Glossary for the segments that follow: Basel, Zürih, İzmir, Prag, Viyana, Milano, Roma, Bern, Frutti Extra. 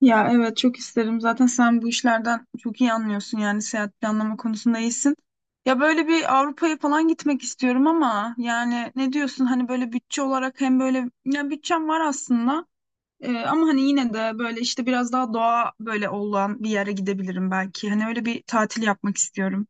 Ya evet çok isterim. Zaten sen bu işlerden çok iyi anlıyorsun yani seyahat planlama konusunda iyisin. Ya böyle bir Avrupa'ya falan gitmek istiyorum ama yani ne diyorsun hani böyle bütçe olarak hem böyle ya bütçem var aslında. Ama hani yine de böyle işte biraz daha doğa böyle olan bir yere gidebilirim belki. Hani öyle bir tatil yapmak istiyorum.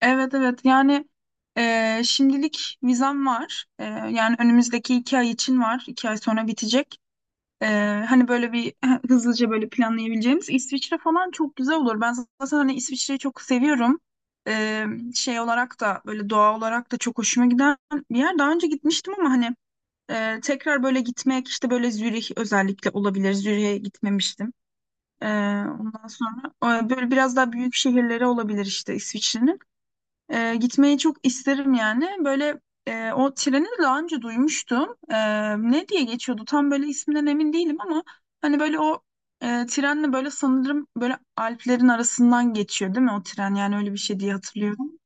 Evet evet yani şimdilik vizem var. Yani önümüzdeki 2 ay için var. 2 ay sonra bitecek. Ee, hani böyle bir hızlıca böyle planlayabileceğimiz İsviçre falan çok güzel olur. Ben zaten hani İsviçre'yi çok seviyorum. Ee, şey olarak da böyle doğa olarak da çok hoşuma giden bir yer. Daha önce gitmiştim ama hani tekrar böyle gitmek işte böyle Zürih özellikle olabilir. Zürih'e gitmemiştim. Ee, ondan sonra böyle biraz daha büyük şehirleri olabilir işte İsviçre'nin. Gitmeyi çok isterim yani. Böyle o treni de daha önce duymuştum. Ne diye geçiyordu? Tam böyle isminden emin değilim ama hani böyle o trenle böyle sanırım böyle Alplerin arasından geçiyor değil mi o tren? Yani öyle bir şey diye hatırlıyorum.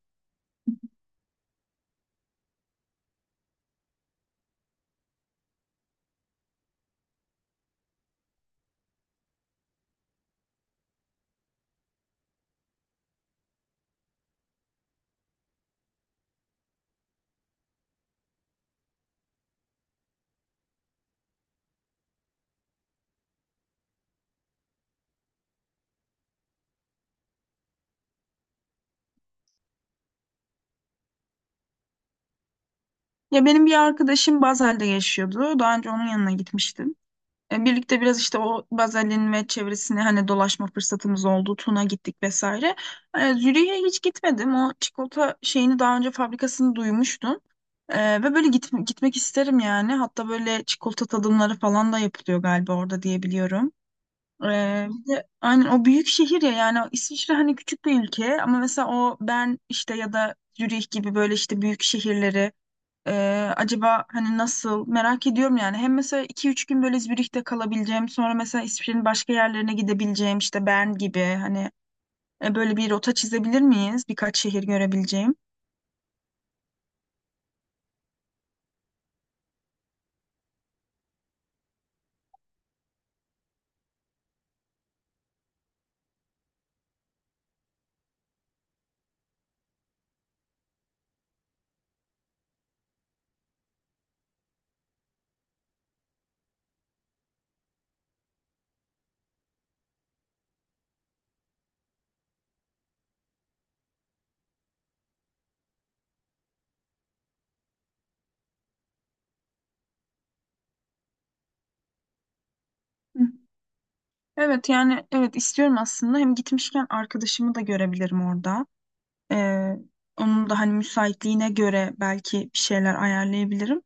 Ya benim bir arkadaşım Basel'de yaşıyordu. Daha önce onun yanına gitmiştim. Birlikte biraz işte o Bazel'in ve çevresine hani dolaşma fırsatımız oldu. Tun'a gittik vesaire. Zürih'e hiç gitmedim. O çikolata şeyini daha önce fabrikasını duymuştum. Ve böyle gitmek isterim yani. Hatta böyle çikolata tadımları falan da yapılıyor galiba orada diye biliyorum. E, bir de aynen o büyük şehir ya yani İsviçre hani küçük bir ülke ama mesela o Bern işte ya da Zürih gibi böyle işte büyük şehirleri acaba hani nasıl merak ediyorum yani. Hem mesela 2-3 gün böyle Zürih'te kalabileceğim, sonra mesela İsviçre'nin başka yerlerine gidebileceğim işte Bern gibi hani böyle bir rota çizebilir miyiz? Birkaç şehir görebileceğim. Hı. Evet yani evet istiyorum aslında. Hem gitmişken arkadaşımı da görebilirim orada. Ee, onun da hani müsaitliğine göre belki bir şeyler ayarlayabilirim.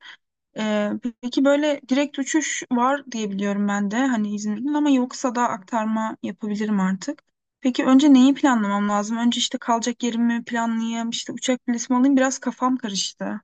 Ee, peki böyle direkt uçuş var diye biliyorum ben de hani İzmir'in ama yoksa da aktarma yapabilirim artık. Peki önce neyi planlamam lazım? Önce işte kalacak yerimi planlayayım, işte uçak bileti alayım. Biraz kafam karıştı.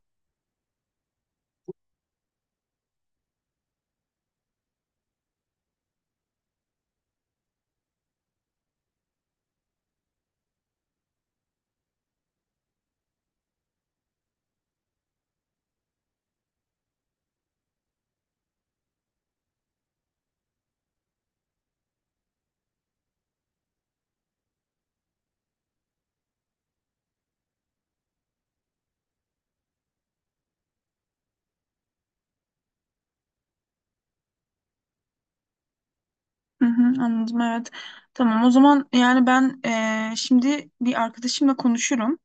Hı hı, anladım evet. Tamam o zaman yani ben şimdi bir arkadaşımla konuşurum.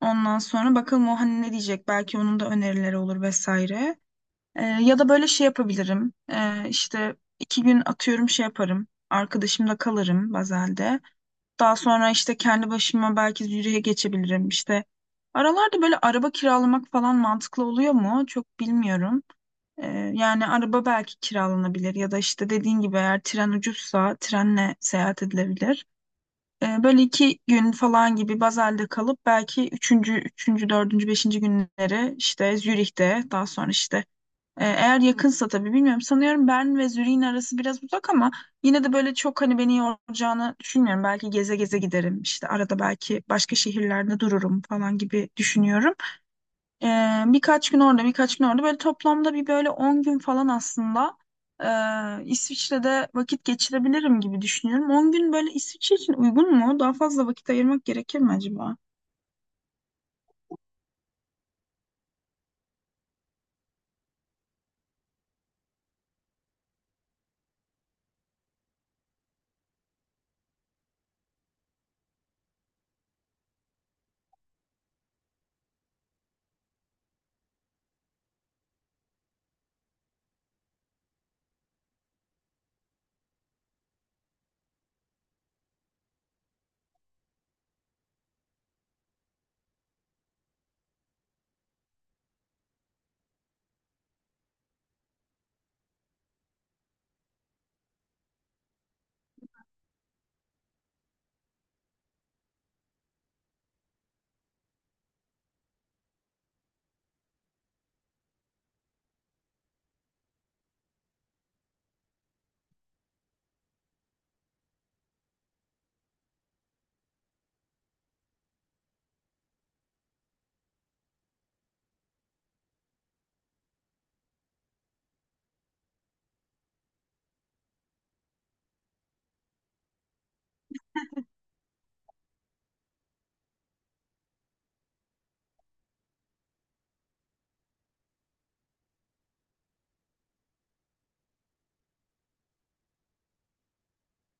Ondan sonra bakalım o hani ne diyecek. Belki onun da önerileri olur vesaire. Ya da böyle şey yapabilirim. İşte 2 gün atıyorum şey yaparım. Arkadaşımda kalırım Bazel'de. Daha sonra işte kendi başıma belki yürüye geçebilirim işte. Aralarda böyle araba kiralamak falan mantıklı oluyor mu? Çok bilmiyorum. Yani araba belki kiralanabilir ya da işte dediğin gibi eğer tren ucuzsa trenle seyahat edilebilir. Böyle 2 gün falan gibi Basel'de kalıp belki üçüncü, dördüncü, beşinci günleri işte Zürih'te daha sonra işte eğer yakınsa tabii bilmiyorum. Sanıyorum Bern ve Zürih'in arası biraz uzak ama yine de böyle çok hani beni yoracağını düşünmüyorum. Belki geze geze giderim. İşte arada belki başka şehirlerde dururum falan gibi düşünüyorum. Birkaç gün orada, birkaç gün orada. Böyle toplamda bir böyle 10 gün falan aslında İsviçre'de vakit geçirebilirim gibi düşünüyorum. 10 gün böyle İsviçre için uygun mu? Daha fazla vakit ayırmak gerekir mi acaba?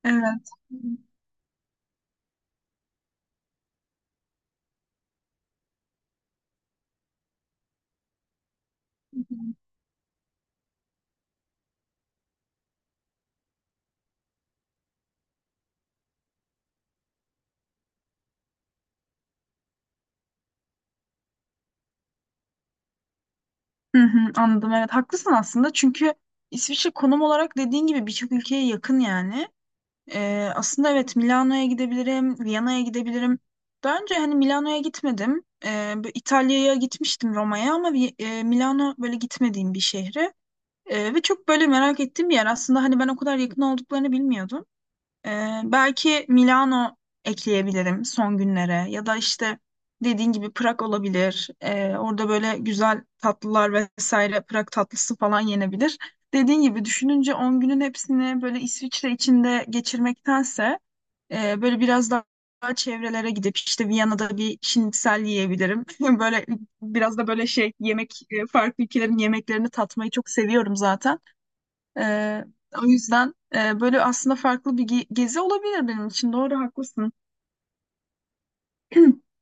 Evet. Hı hı, anladım evet haklısın aslında çünkü İsviçre konum olarak dediğin gibi birçok ülkeye yakın yani. Aslında evet Milano'ya gidebilirim, Viyana'ya gidebilirim. Daha önce hani Milano'ya gitmedim. Bu İtalya'ya gitmiştim Roma'ya ama Milano böyle gitmediğim bir şehri. Ve çok böyle merak ettiğim bir yer. Aslında hani ben o kadar yakın olduklarını bilmiyordum. Belki Milano ekleyebilirim son günlere ya da işte dediğin gibi Prag olabilir. Orada böyle güzel tatlılar vesaire Prag tatlısı falan yenebilir. Dediğin gibi düşününce 10 günün hepsini böyle İsviçre içinde geçirmektense böyle biraz daha çevrelere gidip işte Viyana'da bir şnitzel yiyebilirim. Böyle biraz da böyle şey yemek farklı ülkelerin yemeklerini tatmayı çok seviyorum zaten. Ee, o yüzden böyle aslında farklı bir gezi olabilir benim için. Doğru haklısın.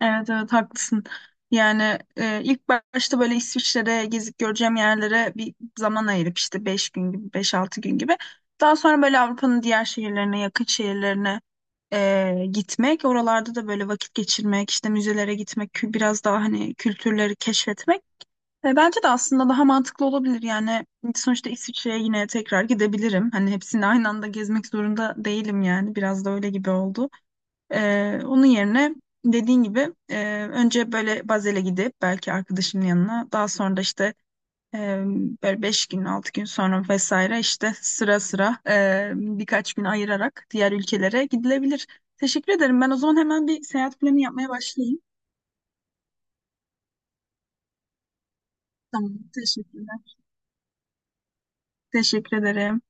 Evet evet haklısın. Yani ilk başta böyle İsviçre'de gezip göreceğim yerlere bir zaman ayırıp işte 5 gün gibi 5-6 gün gibi. Daha sonra böyle Avrupa'nın diğer şehirlerine yakın şehirlerine gitmek. Oralarda da böyle vakit geçirmek işte müzelere gitmek biraz daha hani kültürleri keşfetmek. Bence de aslında daha mantıklı olabilir. Yani sonuçta İsviçre'ye yine tekrar gidebilirim. Hani hepsini aynı anda gezmek zorunda değilim yani. Biraz da öyle gibi oldu. Onun yerine dediğin gibi önce böyle Bazel'e gidip belki arkadaşımın yanına daha sonra da işte e, böyle 5-6 gün sonra vesaire işte sıra sıra birkaç gün ayırarak diğer ülkelere gidilebilir. Teşekkür ederim. Ben o zaman hemen bir seyahat planı yapmaya başlayayım. Tamam, teşekkürler. Teşekkür ederim.